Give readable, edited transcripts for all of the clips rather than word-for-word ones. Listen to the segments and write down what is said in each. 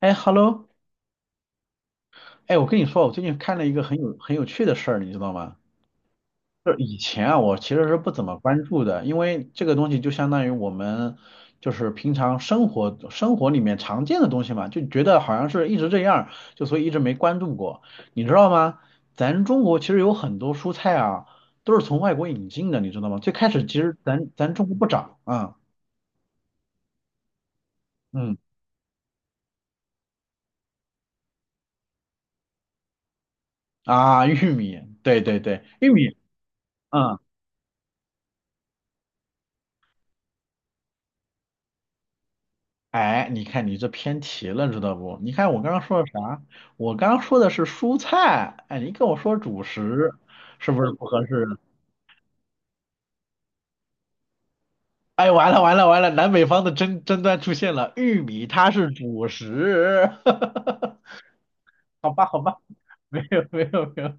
哎，Hello,哎，我跟你说，我最近看了一个很有趣的事儿，你知道吗？就是以前啊，我其实是不怎么关注的，因为这个东西就相当于我们就是平常生活里面常见的东西嘛，就觉得好像是一直这样，就所以一直没关注过，你知道吗？咱中国其实有很多蔬菜啊，都是从外国引进的，你知道吗？最开始其实咱中国不长啊。嗯。啊，玉米，对对对，玉米。嗯。哎，你看你这偏题了，知道不？你看我刚刚说的啥？我刚刚说的是蔬菜，哎，你跟我说主食，是不是不合适？哎，完了完了完了，南北方的争端出现了，玉米它是主食。好吧好吧，没有没有没有，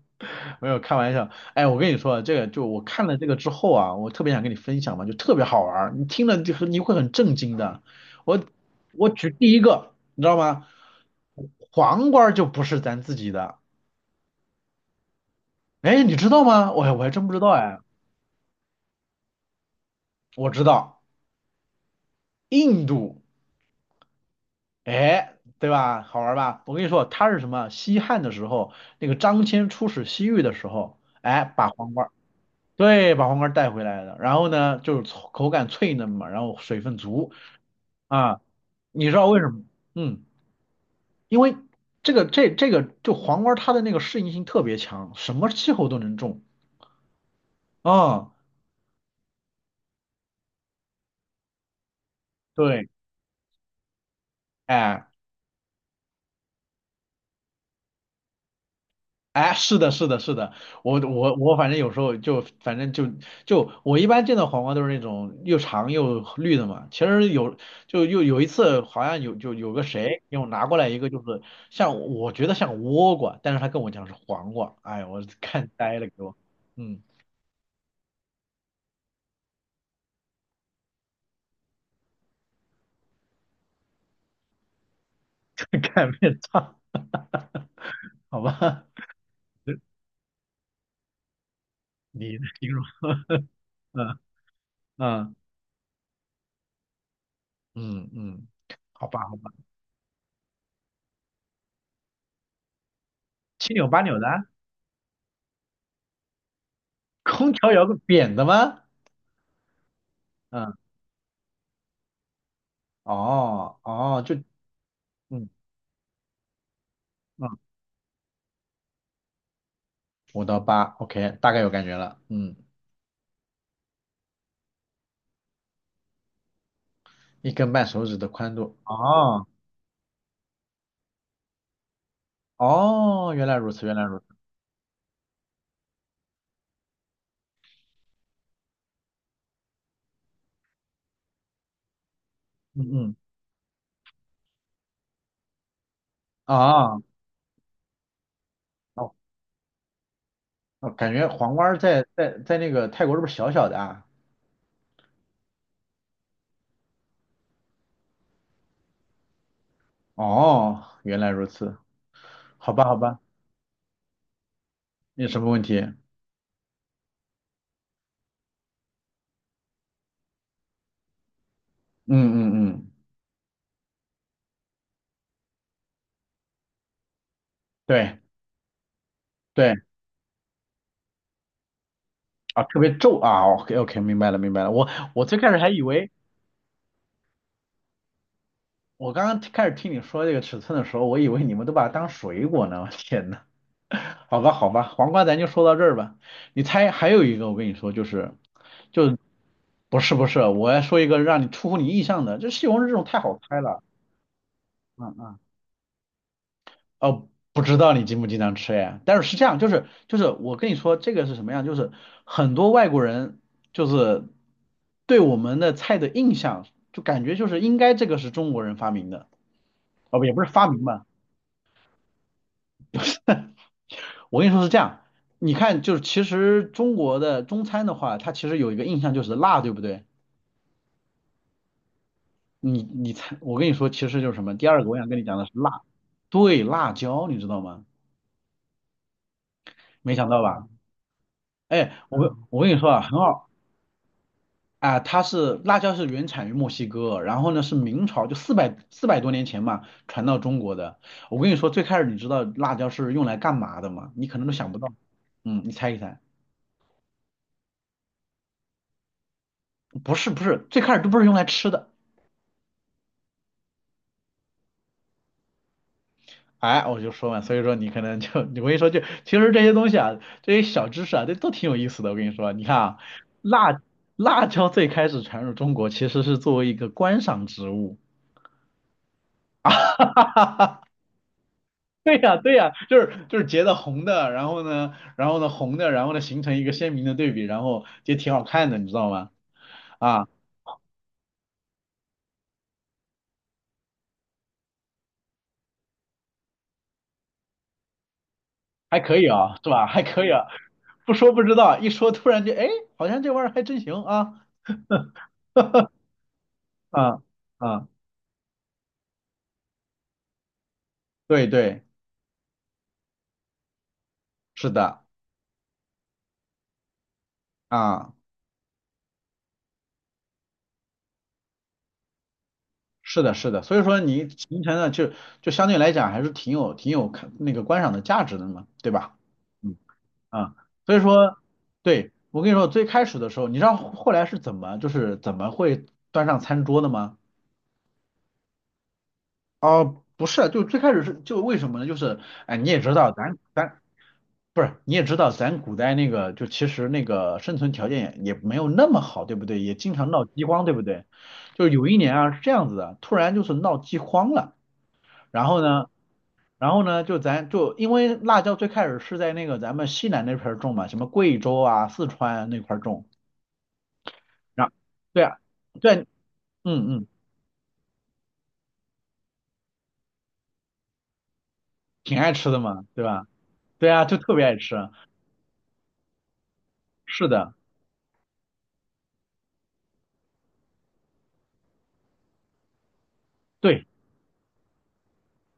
没有开玩笑，哎，我跟你说啊，这个就我看了这个之后啊，我特别想跟你分享嘛，就特别好玩儿，你听了就你会很震惊的。我我举第一个，你知道吗？黄瓜就不是咱自己的，哎，你知道吗？我还真不知道哎，我知道，印度，哎，对吧？好玩儿吧？我跟你说，它是什么？西汉的时候，那个张骞出使西域的时候，哎，把黄瓜，对，把黄瓜带回来的。然后呢，就是口感脆嫩嘛，然后水分足。啊，你知道为什么？嗯，因为这个就黄瓜它的那个适应性特别强，什么气候都能种啊。对，哎，哎，是的，是的，是的，我反正有时候就反正就就我一般见到黄瓜都是那种又长又绿的嘛。其实有就又有一次好像有就有个谁给我拿过来一个就是像我觉得像倭瓜，但是他跟我讲是黄瓜，哎我看呆了给我，嗯，看面哈。好吧，你的形容，嗯嗯嗯嗯，好吧好吧，七扭八扭的，空调摇个扁的吗？嗯，哦哦，就，嗯嗯，五到八，OK,大概有感觉了，嗯，一根半手指的宽度，哦，哦，原来如此，原来如此，嗯嗯，啊，哦，哦感觉黄瓜儿在那个泰国是不是小小的啊？哦，原来如此，好吧好吧，没有什么问题？嗯。嗯嗯，对对。啊，特别皱啊，OK OK,明白了明白了。我我最开始还以为，我刚刚开始听你说这个尺寸的时候，我以为你们都把它当水果呢。我天呐，好吧好吧，黄瓜咱就说到这儿吧。你猜还有一个，我跟你说，就是就不是不是，我要说一个让你出乎你意想的，这西红柿这种太好猜了。嗯嗯。哦，不知道你经不经常吃哎，但是是这样，就是就是我跟你说这个是什么样，就是很多外国人就是对我们的菜的印象，就感觉就是应该这个是中国人发明的，哦不也不是发明吧，我跟你说是这样，你看就是其实中国的中餐的话，它其实有一个印象就是辣，对不对？你你猜，我跟你说其实就是什么，第二个我想跟你讲的是辣，对，辣椒，你知道吗？没想到吧？哎，我跟我跟你说啊，很好。啊，它是辣椒是原产于墨西哥，然后呢是明朝就四百多年前嘛传到中国的。我跟你说，最开始你知道辣椒是用来干嘛的吗？你可能都想不到。嗯，你猜一猜，不是不是，最开始都不是用来吃的。哎，我就说嘛，所以说你可能就 我跟你说就，其实这些东西啊，这些小知识啊，这都挺有意思的。我跟你说啊，你看啊，辣辣椒最开始传入中国其实是作为一个观赏植物。对呀，对呀，就是就是截的红的，然后呢，然后呢红的，然后呢形成一个鲜明的对比，然后就挺好看的，你知道吗？啊，还可以啊，是吧？还可以啊，不说不知道，一说突然就哎，好像这玩意儿还真行啊，啊，啊，对对，是的，啊，是的，是的，所以说你形成了就就相对来讲还是挺有挺有看那个观赏的价值的嘛，对吧？嗯。啊，所以说，对，我跟你说，最开始的时候，你知道后来是怎么，就是怎么会端上餐桌的吗？哦，不是，就最开始是就为什么呢？就是，哎，你也知道，不是，你也知道，咱古代那个就其实那个生存条件也没有那么好，对不对？也经常闹饥荒，对不对？就是有一年啊是这样子的，突然就是闹饥荒了，然后呢，然后呢，就咱就因为辣椒最开始是在那个咱们西南那片儿种嘛，什么贵州啊、四川那块儿种。然后对啊，对啊，嗯嗯，挺爱吃的嘛，对吧？对啊，就特别爱吃。是的，对，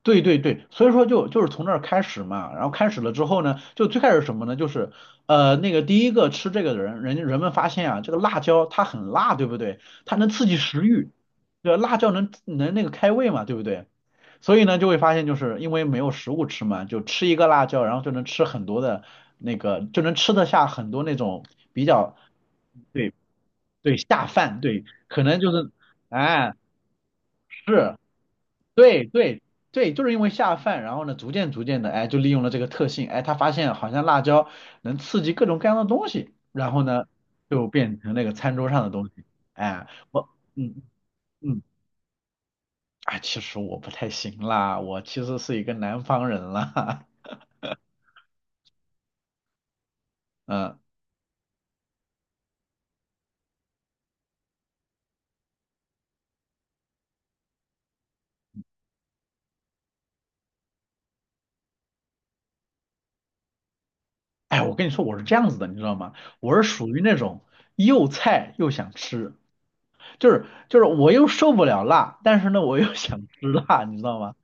对对对，所以说就就是从那儿开始嘛，然后开始了之后呢，就最开始什么呢？就是那个第一个吃这个的人，人家人们发现啊，这个辣椒它很辣，对不对？它能刺激食欲，对吧，辣椒能能那个开胃嘛，对不对？所以呢就会发现就是因为没有食物吃嘛，就吃一个辣椒，然后就能吃很多的那个，就能吃得下很多那种比较。对。对，下饭，对，可能就是，哎，是，对对对，就是因为下饭，然后呢，逐渐的，哎，就利用了这个特性，哎，他发现好像辣椒能刺激各种各样的东西，然后呢，就变成那个餐桌上的东西，哎，我，嗯嗯，哎，其实我不太行啦，我其实是一个南方人啦，嗯，哎，我跟你说，我是这样子的，你知道吗？我是属于那种又菜又想吃，就是就是我又受不了辣，但是呢，我又想吃辣，你知道吗？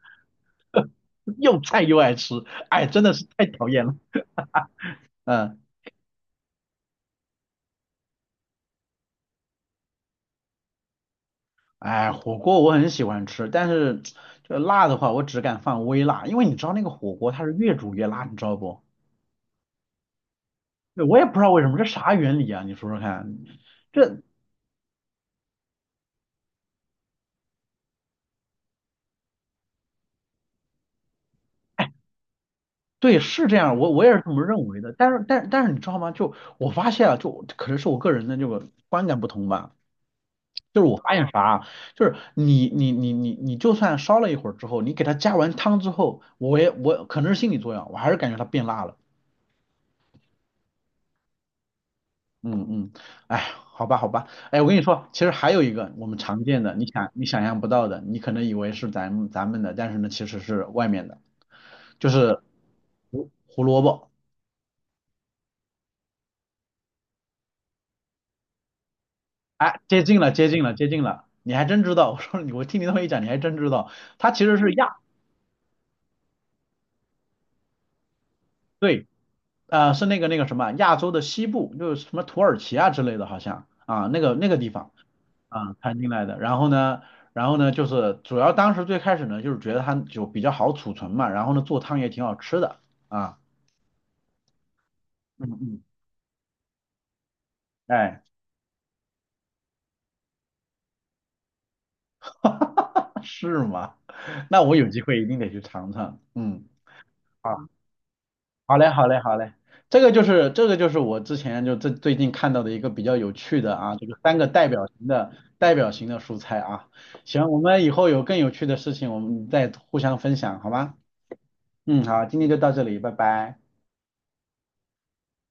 又菜又爱吃，哎，真的是太讨厌了。嗯，哎，火锅我很喜欢吃，但是这辣的话，我只敢放微辣，因为你知道那个火锅它是越煮越辣，你知道不？对，我也不知道为什么，这啥原理啊？你说说看，这对是这样，我也是这么认为的。但是你知道吗？就我发现啊，就可能是我个人的这个观感不同吧。就是我发现啥啊，就是你就算烧了一会儿之后，你给它加完汤之后，我可能是心理作用，我还是感觉它变辣了。嗯嗯，哎，好吧好吧，哎，我跟你说，其实还有一个我们常见的，你想你想象不到的，你可能以为是咱们的，但是呢，其实是外面的，就是胡萝卜。哎，接近了接近了接近了，你还真知道。我说你，我听你那么一讲，你还真知道，它其实是亚，对，呃，是那个那个什么亚洲的西部，就是什么土耳其啊之类的，好像啊，那个那个地方。啊，摊进来的。然后呢，然后呢，就是主要当时最开始呢，就是觉得它就比较好储存嘛，然后呢，做汤也挺好吃的啊。嗯嗯，哎，是吗？那我有机会一定得去尝尝。嗯，好，好嘞，好嘞，好嘞。这个就是这个就是我之前就最最近看到的一个比较有趣的啊，这个三个代表型的代表型的蔬菜啊。行，我们以后有更有趣的事情，我们再互相分享，好吗？嗯，好，今天就到这里，拜拜。